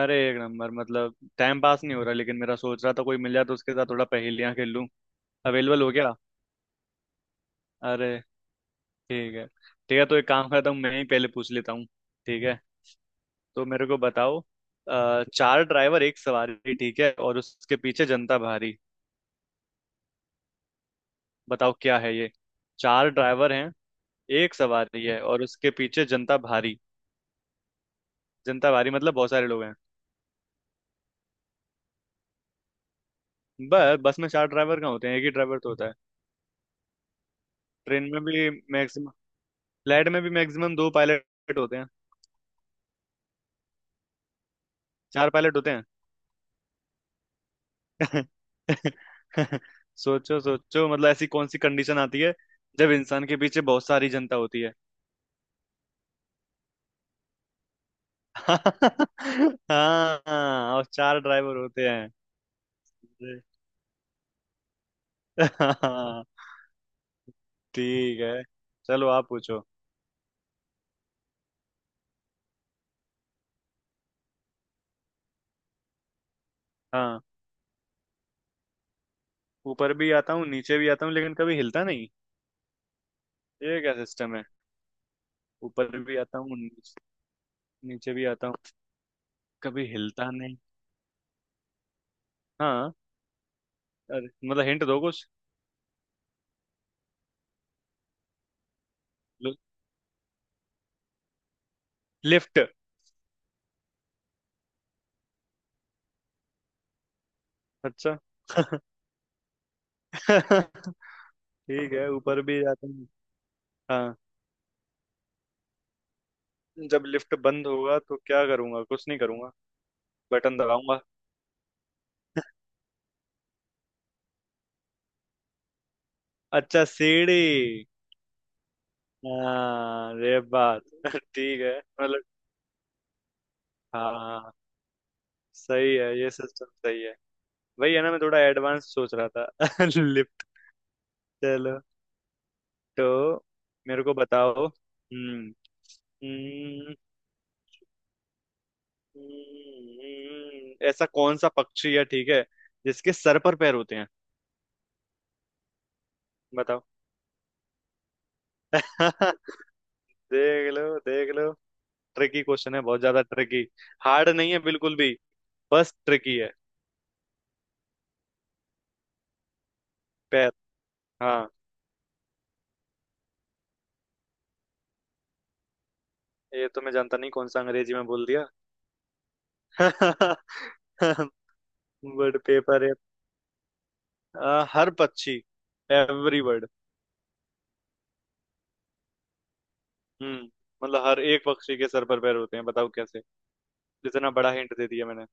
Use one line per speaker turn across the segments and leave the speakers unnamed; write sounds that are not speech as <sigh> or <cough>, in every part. अरे, एक नंबर। मतलब टाइम पास नहीं हो रहा, लेकिन मेरा सोच रहा था कोई मिल जाए तो उसके साथ थोड़ा पहेलियां खेल लूं। अवेलेबल हो गया। अरे, ठीक है। ठीक है, तो एक काम करता हूँ, मैं ही पहले पूछ लेता हूँ। ठीक है, तो मेरे को बताओ। चार ड्राइवर, एक सवारी, ठीक है, और उसके पीछे जनता भारी। बताओ क्या है ये। चार ड्राइवर हैं। एक सवारी है और उसके पीछे जनता भारी। जनता भारी मतलब बहुत सारे लोग हैं। बस, बस में चार ड्राइवर कहाँ होते हैं? एक ही ड्राइवर तो होता है। ट्रेन में भी मैक्सिमम, फ्लाइट में भी मैक्सिमम दो पायलट होते हैं। चार पायलट होते हैं। <laughs> सोचो सोचो, मतलब ऐसी कौन सी कंडीशन आती है जब इंसान के पीछे बहुत सारी जनता होती है। <laughs> हाँ, हाँ, और चार ड्राइवर होते हैं। <laughs> हाँ, ठीक है, चलो आप पूछो। हाँ, ऊपर भी आता हूँ, नीचे भी आता हूँ, लेकिन कभी हिलता नहीं। ये क्या सिस्टम है? ऊपर भी आता हूँ, नीचे नीचे भी आता हूँ, कभी हिलता नहीं। हाँ, अरे मतलब हिंट दो कुछ। लिफ्ट। अच्छा। <laughs> ठीक है, ऊपर भी जाते हैं। हाँ, जब लिफ्ट बंद होगा तो क्या करूंगा? कुछ नहीं करूंगा, बटन दबाऊंगा। अच्छा, सीढ़ी। हाँ, ये बात। <laughs> ठीक है, मतलब। हाँ, सही है, ये सिस्टम सही है। वही है ना, मैं थोड़ा एडवांस सोच रहा था। <laughs> लिफ्ट। चलो। तो मेरे को बताओ। हम्म, ऐसा कौन सा पक्षी है, ठीक है, जिसके सर पर पैर होते हैं? बताओ। <laughs> देख लो, देख लो। ट्रिकी क्वेश्चन है, बहुत ज्यादा ट्रिकी। हार्ड नहीं है बिल्कुल भी, बस ट्रिकी है। पैर। हाँ। ये तो मैं जानता नहीं, कौन सा अंग्रेजी में बोल दिया। <laughs> वर्ड पेपर है। हर पक्षी, एवरी वर्ड। हम्म मतलब हर एक पक्षी के सर पर पैर होते हैं, बताओ कैसे? इतना बड़ा हिंट दे दिया मैंने।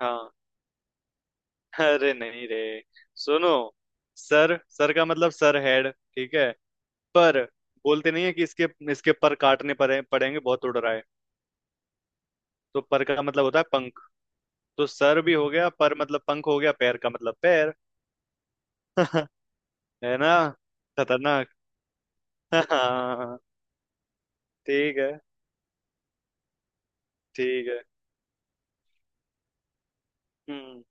हाँ, अरे नहीं रे, सुनो। सर, सर का मतलब सर, हेड, ठीक है। पर, बोलते नहीं है कि इसके इसके पर काटने पड़ेंगे, बहुत उड़ रहा है। तो पर का मतलब होता है। तो सर भी हो गया, पर मतलब पंख हो गया, पैर का मतलब पैर। <laughs> है ना? खतरनाक। <laughs> हाँ, ठीक है। ठीक है। हम्म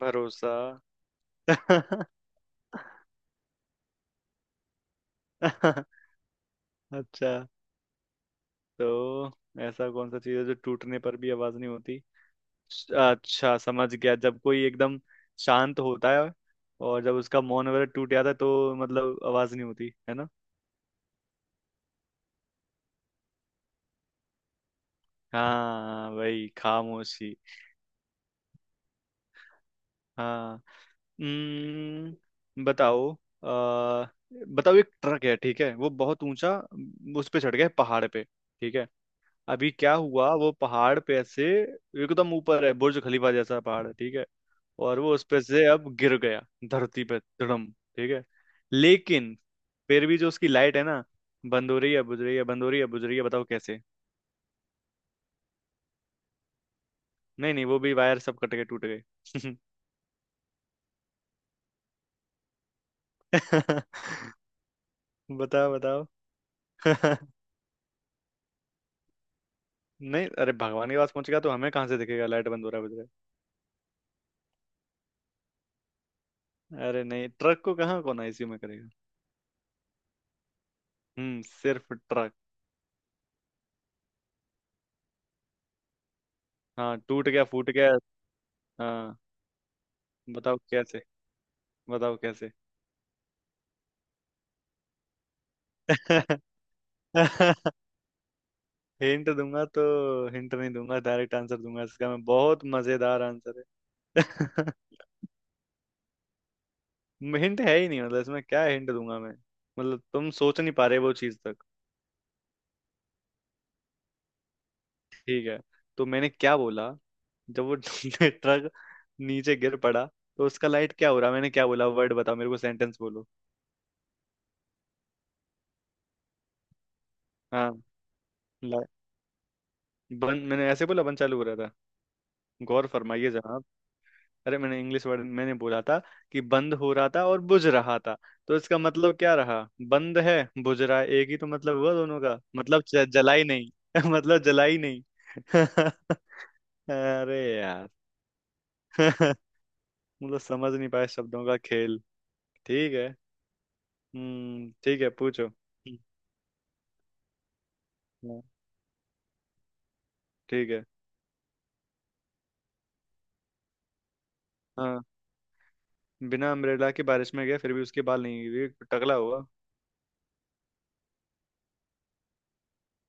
भरोसा। <laughs> अच्छा, तो ऐसा कौन सा चीज है जो टूटने पर भी आवाज नहीं होती? अच्छा समझ गया, जब कोई एकदम शांत होता है और जब उसका मौन वगैरह टूट जाता है तो मतलब आवाज नहीं होती है ना। हाँ, वही खामोशी। हाँ। बताओ। आ, बताओ, एक ट्रक है, ठीक है, वो बहुत ऊंचा। उस पे चढ़ गया है, पहाड़ पे, ठीक है। अभी क्या हुआ, वो पहाड़ पे से एकदम ऊपर है, बुर्ज खलीफा जैसा पहाड़ है, ठीक है। और वो उस पे से अब गिर गया, धरती पे धड़म, ठीक है। लेकिन फिर भी जो उसकी लाइट है ना, बंद हो रही है, बुझ रही है, बंद हो रही है, बुझ रही है, बताओ कैसे? नहीं नहीं, वो भी वायर सब कट के टूट गए। <laughs> बताओ, बताओ। <laughs> नहीं, अरे भगवान के पास पहुंच गया तो हमें कहाँ से दिखेगा लाइट बंद हो रहा है बुझ रहा है। अरे नहीं, ट्रक को कहाँ, कौन आईसीयू में करेगा। हम्म, सिर्फ ट्रक। हाँ, टूट गया, फूट गया। हाँ, बताओ कैसे, बताओ कैसे। <laughs> हिंट दूंगा तो, हिंट नहीं दूंगा, डायरेक्ट आंसर दूंगा इसका, मैं, बहुत मजेदार आंसर है। <laughs> हिंट है ही नहीं, मतलब इसमें क्या हिंट दूंगा मैं। मतलब तुम सोच नहीं पा रहे वो चीज तक। ठीक है, तो मैंने क्या बोला। जब वो <laughs> ट्रक नीचे गिर पड़ा, तो उसका लाइट क्या हो रहा, मैंने क्या बोला वर्ड, बताओ मेरे को, सेंटेंस बोलो। हाँ। ला- बंद, मैंने ऐसे बोला, बंद चालू हो रहा था। गौर फरमाइए जनाब। अरे, मैंने इंग्लिश वर्ड मैंने बोला था, कि बंद हो रहा था और बुझ रहा था। तो इसका मतलब क्या रहा? बंद है, बुझ रहा है, एक ही तो मतलब हुआ दोनों का, मतलब जला ही नहीं। <laughs> मतलब जला ही नहीं। <laughs> अरे यार। <laughs> मतलब समझ नहीं पाए शब्दों का खेल। ठीक है। हम्म, ठीक है, पूछो। हाँ, ठीक है। हाँ, बिना अम्ब्रेला के बारिश में गया, फिर भी उसके बाल नहीं गिरे, टकला हुआ।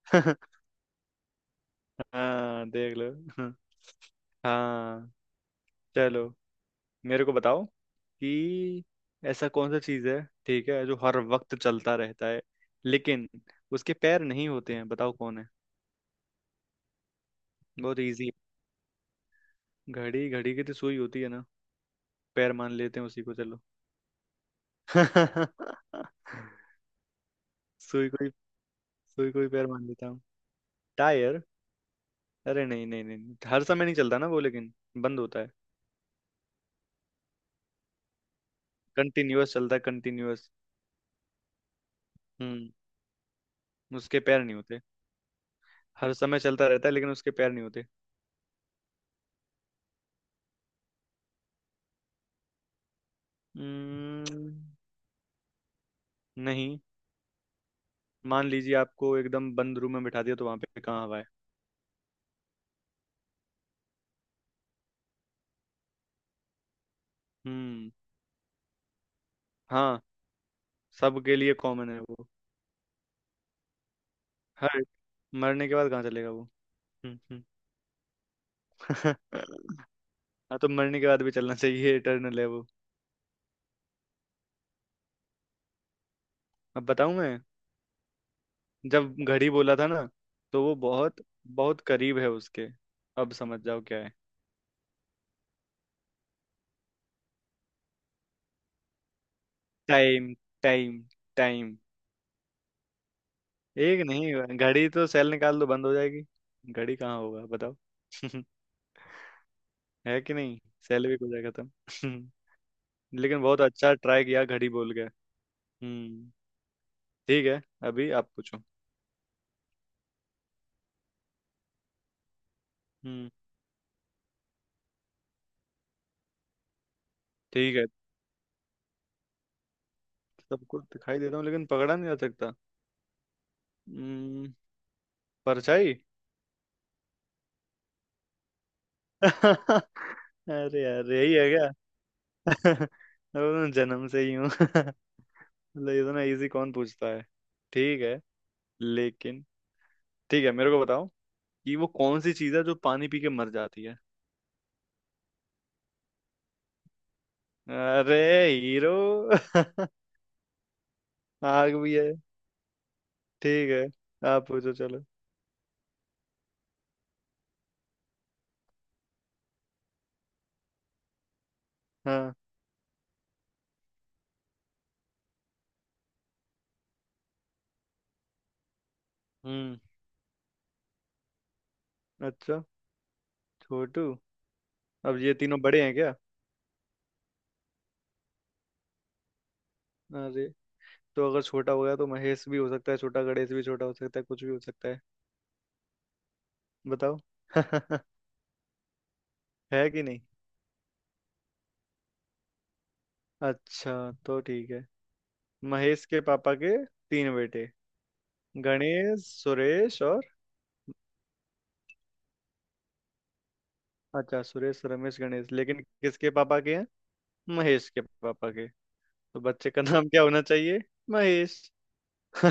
<laughs> हाँ, देख लो। हाँ। हाँ, चलो। मेरे को बताओ कि ऐसा कौन सा चीज है, ठीक है, जो हर वक्त चलता रहता है, लेकिन उसके पैर नहीं होते हैं, बताओ कौन है? बहुत इजी। घड़ी? घड़ी की तो सुई होती है ना, पैर मान लेते हैं उसी को, चलो। <laughs> सुई को ही सुई को ही पैर मान लेता हूँ। टायर? अरे नहीं नहीं नहीं, हर समय नहीं चलता ना वो, लेकिन बंद होता है। कंटिन्यूअस चलता है, कंटिन्यूअस। हम्म, उसके पैर नहीं होते। हर समय चलता रहता है लेकिन उसके पैर नहीं होते। हम्म, नहीं, मान लीजिए आपको एकदम बंद रूम में बिठा दिया तो वहां पे कहाँ हवा है। हम्म, हाँ, सबके लिए कॉमन है वो। हर मरने के बाद कहाँ चलेगा वो। हम्म, हम्म। <laughs> हाँ, तो मरने के बाद भी चलना चाहिए, इटर्नल है वो। अब बताऊं मैं? जब घड़ी बोला था ना, तो वो बहुत बहुत करीब है उसके। अब समझ जाओ क्या है। Time, time, time. एक नहीं, घड़ी तो सेल निकाल दो बंद हो जाएगी। घड़ी कहाँ होगा, बताओ। <laughs> है कि नहीं? सेल भी हो जाएगा खत्म। <laughs> लेकिन बहुत अच्छा ट्राई किया, घड़ी बोल के। हम्म, ठीक है, अभी आप पूछो। हम्म, ठीक है। सब कुछ दिखाई देता हूँ लेकिन पकड़ा नहीं जा सकता। हम्म परछाई। <laughs> अरे यार, यही है क्या? <laughs> वो मैं जन्म से ही हूँ। <laughs> मतलब, इतना इजी कौन पूछता है? ठीक है। लेकिन ठीक है, मेरे को बताओ कि वो कौन सी चीज है जो पानी पी के मर जाती है? अरे, हीरो। <laughs> आग भी है। ठीक है, आप पूछो, चलो। हाँ। हम्म। अच्छा, छोटू। अब ये तीनों बड़े हैं क्या? अरे, तो अगर छोटा हो गया तो महेश भी हो सकता है छोटा, गणेश भी छोटा हो सकता है, कुछ भी हो सकता है। बताओ। <laughs> है कि नहीं? अच्छा, तो ठीक है। महेश के पापा के तीन बेटे, गणेश, सुरेश और। अच्छा, सुरेश, रमेश, गणेश, लेकिन किसके पापा के हैं? महेश के पापा के। तो बच्चे का नाम क्या होना चाहिए? महेश। <laughs>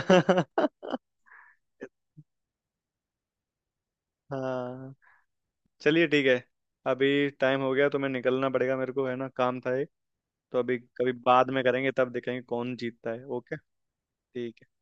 हाँ, चलिए, ठीक है। अभी टाइम हो गया तो मैं निकलना पड़ेगा मेरे को, है ना, काम था एक। तो अभी कभी बाद में करेंगे, तब देखेंगे कौन जीतता है, ओके। ठीक है, ओके।